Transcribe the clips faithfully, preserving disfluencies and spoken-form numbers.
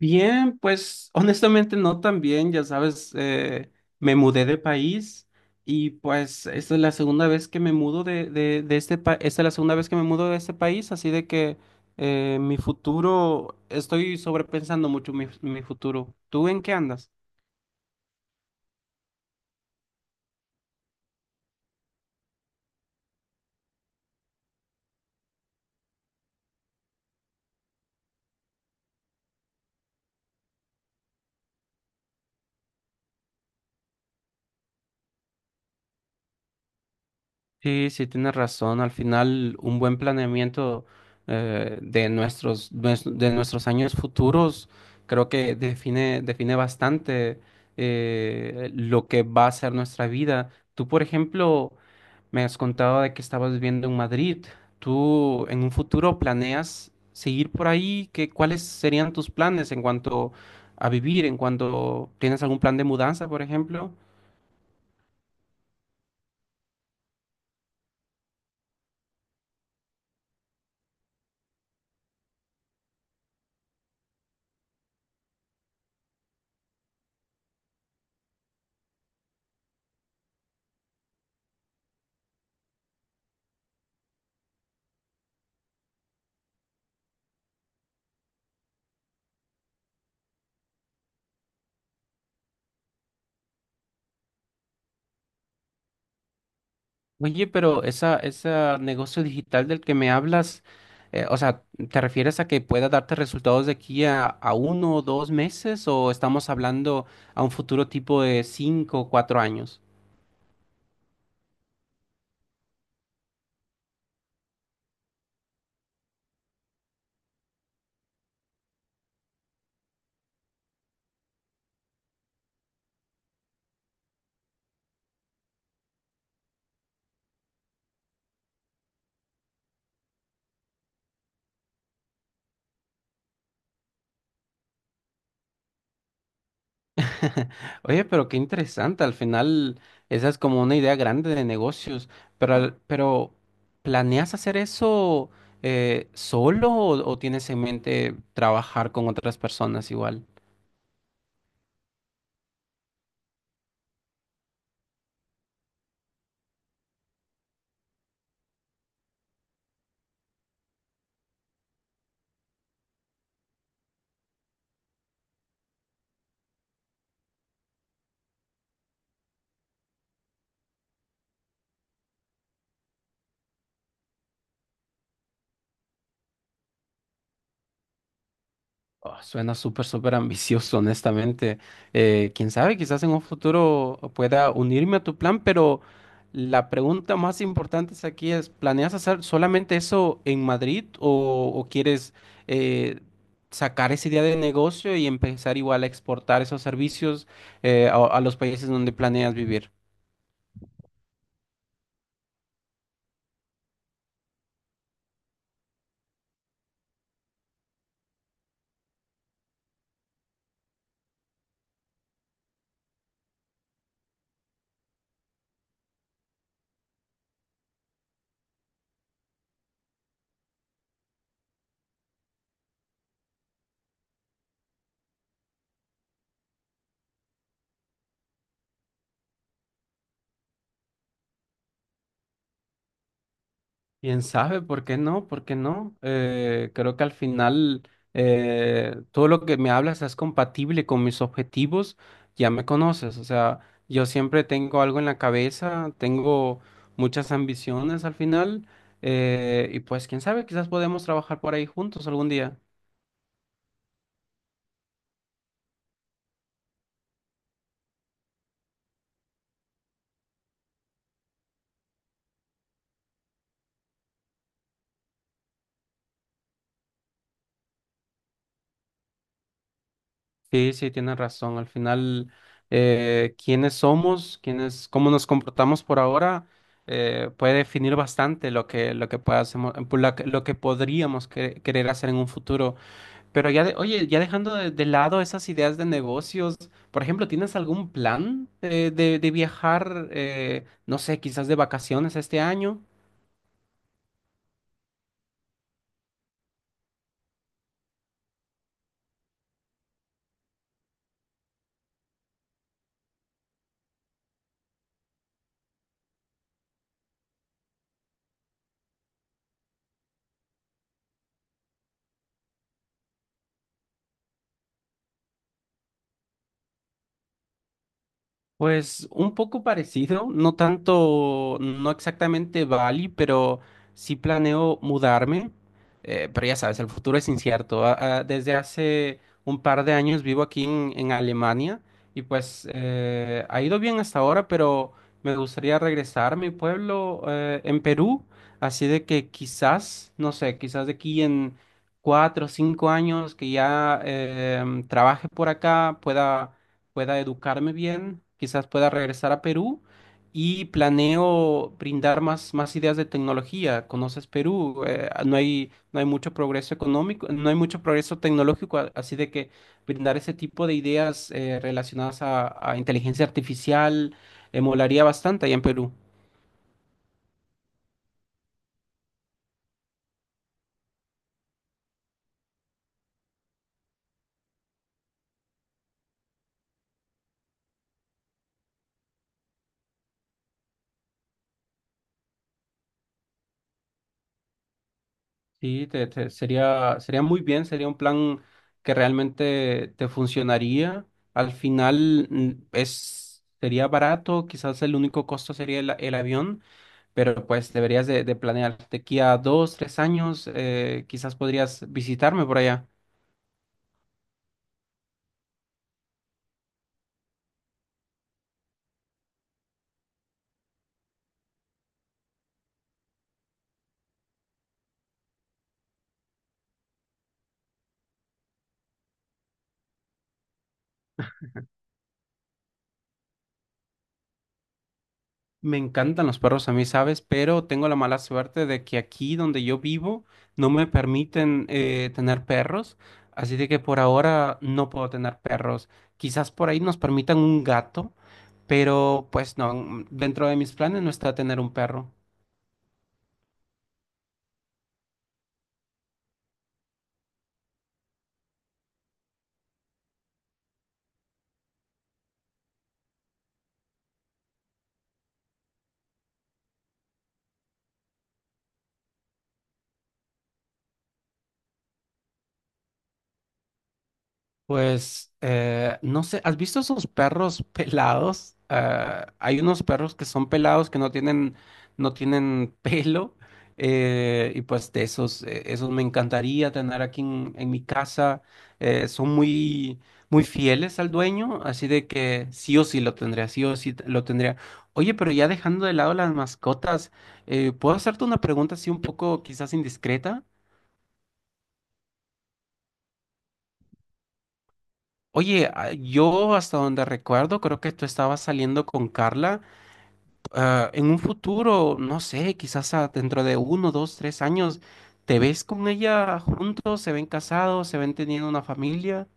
Bien, pues honestamente no tan bien, ya sabes, eh, me mudé de país y pues esta es la segunda vez que me mudo de, de, de este país, esta es la segunda vez que me mudo de este país, así de que eh, mi futuro, estoy sobrepensando mucho mi, mi futuro. ¿Tú en qué andas? Sí, sí, tienes razón. Al final, un buen planeamiento eh, de nuestros, nues- de nuestros años futuros creo que define, define bastante eh, lo que va a ser nuestra vida. Tú, por ejemplo, me has contado de que estabas viviendo en Madrid. ¿Tú en un futuro planeas seguir por ahí? ¿Qué, ¿cuáles serían tus planes en cuanto a vivir? ¿En cuanto tienes algún plan de mudanza, por ejemplo? Oye, pero esa, ese negocio digital del que me hablas, eh, o sea, ¿te refieres a que pueda darte resultados de aquí a, a uno o dos meses o estamos hablando a un futuro tipo de cinco o cuatro años? Oye, pero qué interesante, al final esa es como una idea grande de negocios, pero, al- pero ¿planeas hacer eso eh, solo o o tienes en mente trabajar con otras personas igual? Oh, suena súper, súper ambicioso, honestamente. Eh, quién sabe, quizás en un futuro pueda unirme a tu plan, pero la pregunta más importante es aquí es, ¿planeas hacer solamente eso en Madrid o, o quieres eh, sacar esa idea de negocio y empezar igual a exportar esos servicios eh, a, a los países donde planeas vivir? Quién sabe, ¿por qué no? ¿Por qué no? Eh, creo que al final eh, todo lo que me hablas es compatible con mis objetivos, ya me conoces, o sea, yo siempre tengo algo en la cabeza, tengo muchas ambiciones al final, eh, y pues quién sabe, quizás podemos trabajar por ahí juntos algún día. Sí, sí, tienes razón. Al final, eh, quiénes somos, quiénes, cómo nos comportamos por ahora, eh, puede definir bastante lo que, lo que pueda hacemo- pu- la que- lo que podríamos que- querer hacer en un futuro. Pero ya, de- oye, ya dejando de, de lado esas ideas de negocios, por ejemplo, ¿tienes algún plan eh, de, de viajar, eh, no sé, quizás de vacaciones este año? Pues un poco parecido, no tanto, no exactamente Bali, pero sí planeo mudarme, eh, pero ya sabes, el futuro es incierto. A- a- desde hace un par de años vivo aquí en, en Alemania y pues eh, ha ido bien hasta ahora, pero me gustaría regresar a mi pueblo eh, en Perú, así de que quizás, no sé, quizás de aquí en cuatro o cinco años que ya em, trabaje por acá, pueda pueda educarme bien, quizás pueda regresar a Perú y planeo brindar más, más ideas de tecnología. ¿Conoces Perú? Eh, no hay, no hay mucho progreso económico, no hay mucho progreso tecnológico, a- así de que brindar ese tipo de ideas eh, relacionadas a, a inteligencia artificial eh, molaría bastante allá en Perú. Sí, te- te- sería, sería muy bien, sería un plan que realmente te funcionaría. Al final mm, es, sería barato, quizás el único costo sería el, el avión, pero pues deberías de, de planear de aquí a dos, tres años, eh, quizás podrías visitarme por allá. Me encantan los perros a mí, ¿sabes? Pero tengo la mala suerte de que aquí donde yo vivo no me permiten eh, tener perros, así de que por ahora no puedo tener perros. Quizás por ahí nos permitan un gato, pero pues no, mm, dentro de mis planes no está tener un perro. Pues eh, no sé, ¿has visto esos perros pelados? Ah, hay unos perros que son pelados que no tienen, no tienen pelo. Eh, y pues de esos, eh, esos me encantaría tener aquí en, en mi casa. Eh, son muy, muy fieles al dueño, así de que sí o sí lo tendría, sí o sí t- lo tendría. Oye, pero ya dejando de lado las mascotas, eh, ¿puedo hacerte una pregunta así un poco quizás indiscreta? Oye, ah, yo hasta donde recuerdo, creo que tú estabas saliendo con Carla. Ah, en un futuro, no sé, quizás ah, dentro de uno, dos, tres años, ¿te ves con ella juntos? ¿Se ven casados? ¿Se ven teniendo una familia?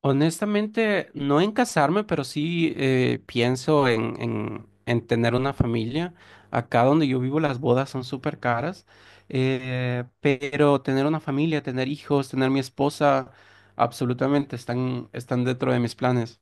Honestamente, no en casarme, pero sí eh, pienso en, en- en tener una familia. Acá donde yo vivo las bodas son súper caras, eh, pero tener una familia, tener hijos, tener mi esposa, absolutamente están, están dentro de mis planes.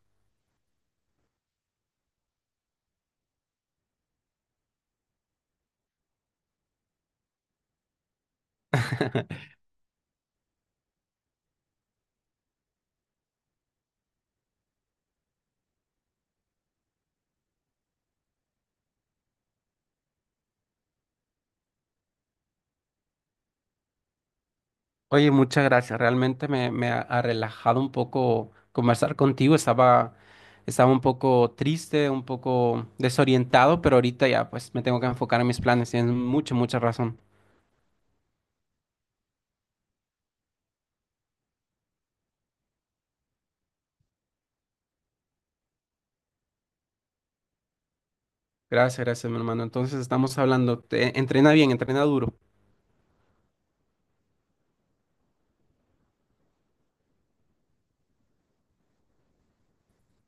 Oye, muchas gracias. Realmente me, me ha, ha relajado un poco conversar contigo. Estaba, estaba un poco triste, un poco desorientado, pero ahorita ya pues me tengo que enfocar en mis planes. Tienes mucha, mucha razón. Gracias, gracias, mi hermano. Entonces estamos hablando. Te- entrena bien, entrena duro.